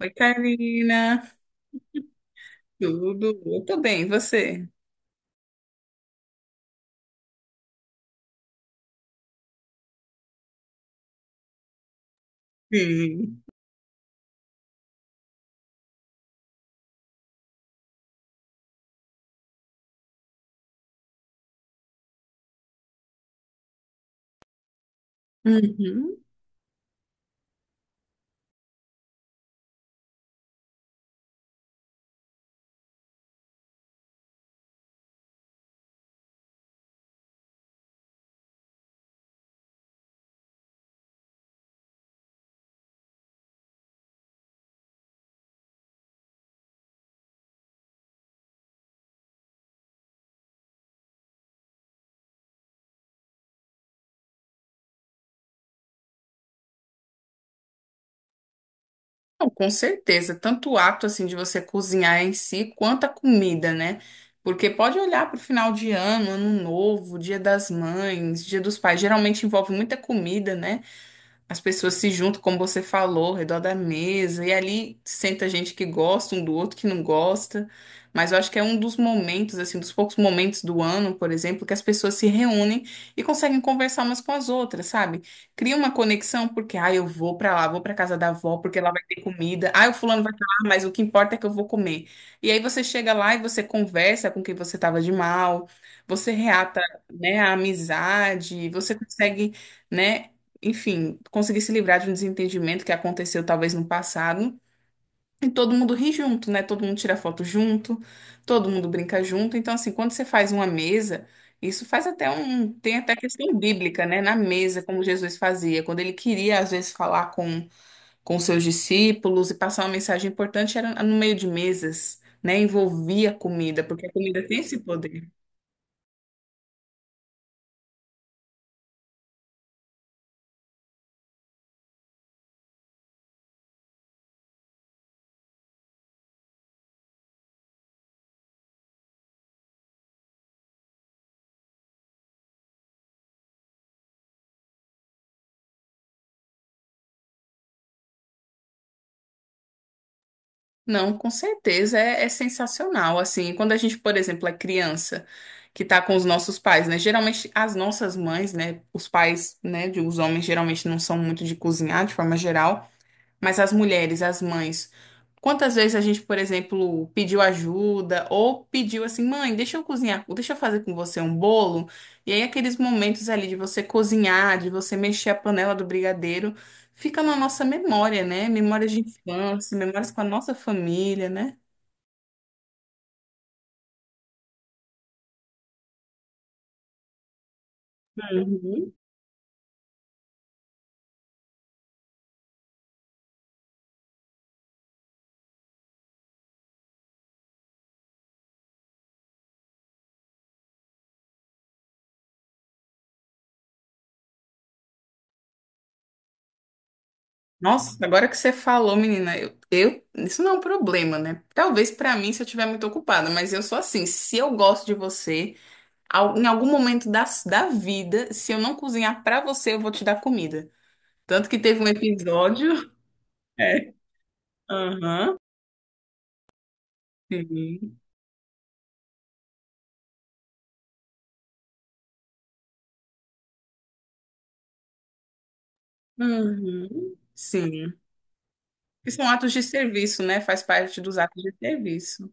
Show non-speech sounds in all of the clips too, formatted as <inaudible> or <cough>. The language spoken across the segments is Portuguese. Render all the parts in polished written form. Oi, Karina. Tudo? Eu tô bem, e você? Sim. Uhum. Não, com certeza, tanto o ato assim de você cozinhar em si, quanto a comida, né? Porque pode olhar para o final de ano, ano novo, Dia das Mães, Dia dos Pais, geralmente envolve muita comida, né? As pessoas se juntam, como você falou, ao redor da mesa, e ali senta gente que gosta um do outro, que não gosta. Mas eu acho que é um dos momentos, assim, dos poucos momentos do ano, por exemplo, que as pessoas se reúnem e conseguem conversar umas com as outras, sabe? Cria uma conexão, porque, ah, eu vou pra lá, vou pra casa da avó, porque lá vai ter comida. Ah, o fulano vai pra lá, mas o que importa é que eu vou comer. E aí você chega lá e você conversa com quem você tava de mal, você reata, né, a amizade, você consegue, né? Enfim, conseguir se livrar de um desentendimento que aconteceu talvez no passado. E todo mundo ri junto, né? Todo mundo tira foto junto, todo mundo brinca junto. Então, assim, quando você faz uma mesa, isso faz até um. Tem até questão bíblica, né? Na mesa, como Jesus fazia. Quando ele queria, às vezes, falar com, seus discípulos e passar uma mensagem importante, era no meio de mesas, né? Envolvia a comida, porque a comida tem esse poder. Não, com certeza é sensacional. Assim, quando a gente, por exemplo, é criança que tá com os nossos pais, né? Geralmente as nossas mães, né? Os pais, né? Os homens geralmente não são muito de cozinhar de forma geral. Mas as mulheres, as mães, quantas vezes a gente, por exemplo, pediu ajuda ou pediu assim, mãe, deixa eu cozinhar, deixa eu fazer com você um bolo. E aí aqueles momentos ali de você cozinhar, de você mexer a panela do brigadeiro, fica na nossa memória, né? Memórias de infância, memórias com a nossa família, né? Uhum. Nossa, agora que você falou, menina, eu isso não é um problema, né? Talvez pra mim se eu estiver muito ocupada, mas eu sou assim, se eu gosto de você. Em algum momento da vida, se eu não cozinhar pra você, eu vou te dar comida. Tanto que teve um episódio. <laughs> É. Aham. Sim. Uhum. Sim. Que são atos de serviço, né? Faz parte dos atos de serviço.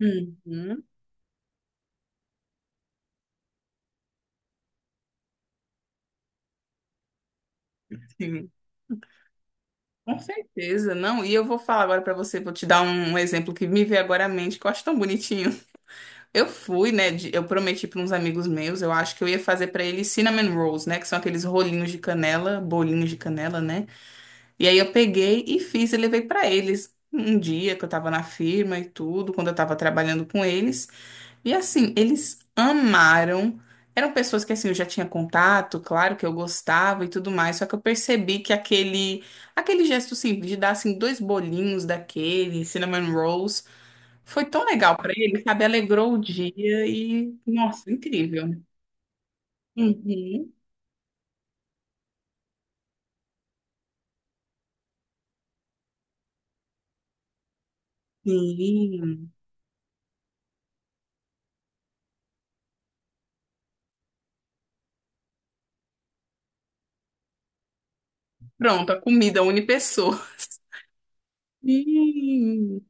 Uhum. Sim. Com certeza, não. E eu vou falar agora pra você, vou te dar um exemplo que me veio agora à mente, que eu acho tão bonitinho. Eu fui, né? Eu prometi pra uns amigos meus, eu acho que eu ia fazer pra eles cinnamon rolls, né? Que são aqueles rolinhos de canela, bolinhos de canela, né? E aí eu peguei e fiz e levei para eles um dia que eu estava na firma e tudo, quando eu estava trabalhando com eles. E assim, eles amaram. Eram pessoas que assim eu já tinha contato, claro que eu gostava e tudo mais, só que eu percebi que aquele gesto simples de dar assim dois bolinhos daquele cinnamon rolls foi tão legal para eles, sabe? Alegrou o dia e nossa, incrível. Uhum. Sim. Pronto, a comida une pessoa. Sim.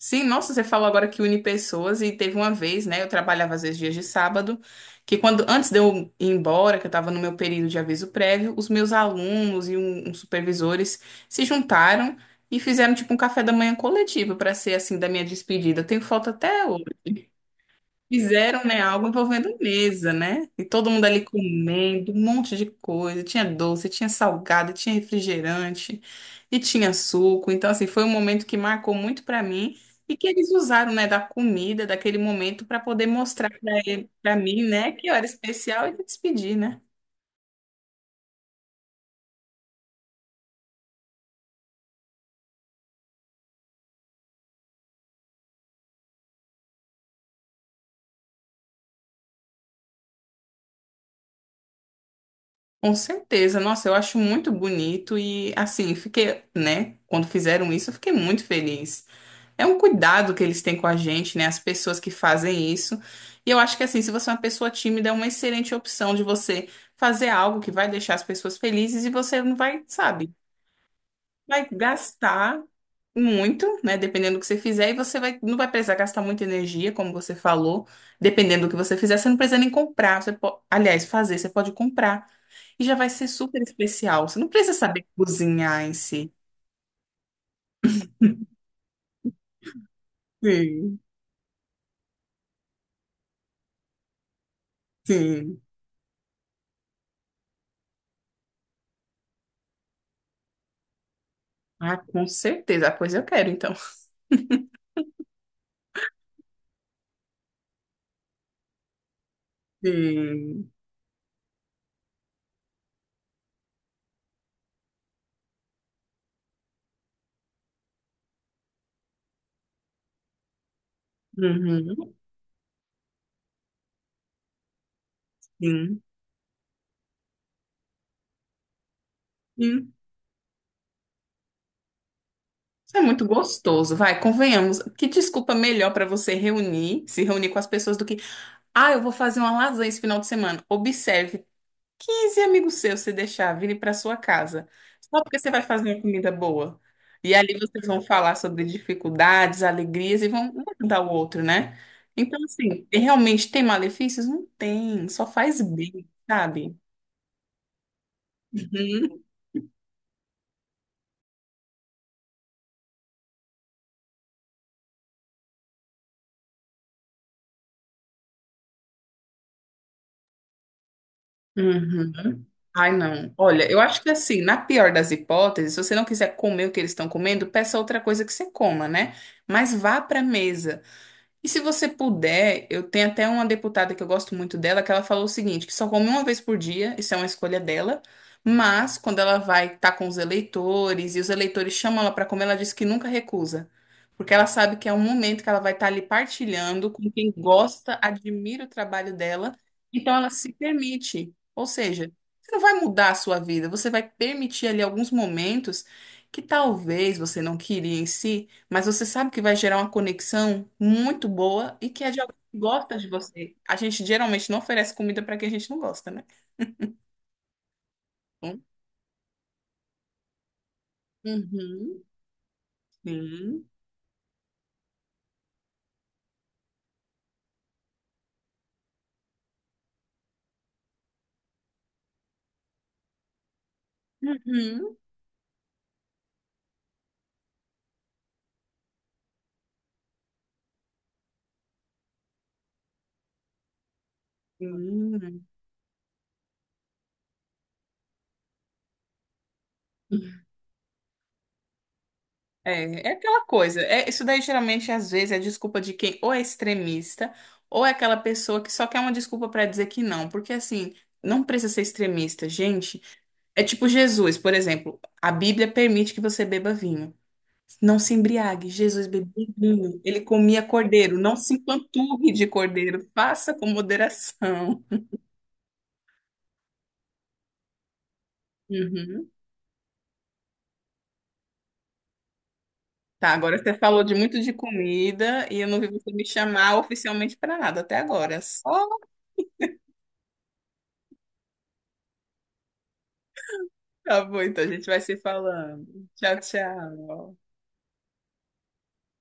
Sim, nossa, você falou agora que une pessoas e teve uma vez, né? Eu trabalhava às vezes dias de sábado, que quando antes de eu ir embora, que eu estava no meu período de aviso prévio, os meus alunos e uns supervisores se juntaram e fizeram tipo um café da manhã coletivo para ser assim da minha despedida. Eu tenho foto até hoje. Fizeram, né, algo envolvendo mesa, né? E todo mundo ali comendo, um monte de coisa. Tinha doce, tinha salgado, tinha refrigerante e tinha suco. Então, assim, foi um momento que marcou muito pra mim e que eles usaram, né, da comida, daquele momento, pra poder mostrar pra ele, para mim, né, que eu era especial e me despedir, né? Com certeza. Nossa, eu acho muito bonito e, assim, fiquei, né, quando fizeram isso, eu fiquei muito feliz. É um cuidado que eles têm com a gente, né? As pessoas que fazem isso. E eu acho que assim, se você é uma pessoa tímida, é uma excelente opção de você fazer algo que vai deixar as pessoas felizes e você não vai, sabe, vai gastar muito, né? Dependendo do que você fizer, e você vai, não vai precisar gastar muita energia, como você falou. Dependendo do que você fizer, você não precisa nem comprar. Você aliás, fazer, você pode comprar. E já vai ser super especial. Você não precisa saber cozinhar em si. Sim, sim. Ah, com certeza. Ah, pois eu quero, então. Sim. Uhum. Sim. Sim. Isso é muito gostoso, vai, convenhamos. Que desculpa melhor para você reunir, se reunir com as pessoas do que, ah, eu vou fazer uma lasanha esse final de semana. Observe, 15 amigos seus se deixar virem para sua casa, só porque você vai fazer uma comida boa. E ali vocês vão falar sobre dificuldades, alegrias e vão um ajudar o outro, né? Então, assim, realmente tem malefícios? Não tem, só faz bem, sabe? Uhum. Ai, não. Olha, eu acho que assim, na pior das hipóteses, se você não quiser comer o que eles estão comendo, peça outra coisa que você coma, né? Mas vá para a mesa. E se você puder, eu tenho até uma deputada que eu gosto muito dela, que ela falou o seguinte, que só come uma vez por dia, isso é uma escolha dela, mas quando ela vai estar com os eleitores e os eleitores chamam ela para comer, ela diz que nunca recusa, porque ela sabe que é um momento que ela vai estar ali partilhando com quem gosta, admira o trabalho dela, então ela se permite. Ou seja, você não vai mudar a sua vida, você vai permitir ali alguns momentos que talvez você não queria em si, mas você sabe que vai gerar uma conexão muito boa e que é de alguém que gosta de você. A gente geralmente não oferece comida para quem a gente não gosta, né? Hum. Uhum. Sim. Uhum. Sim. É, é aquela coisa. É, isso daí geralmente às vezes é desculpa de quem ou é extremista ou é aquela pessoa que só quer uma desculpa para dizer que não, porque assim, não precisa ser extremista, gente. É tipo Jesus, por exemplo, a Bíblia permite que você beba vinho. Não se embriague. Jesus bebia vinho. Ele comia cordeiro. Não se empanturre de cordeiro. Faça com moderação. Uhum. Tá, agora você falou de muito de comida e eu não vi você me chamar oficialmente para nada até agora. Só tá bom, então a gente vai se falando. Tchau, tchau.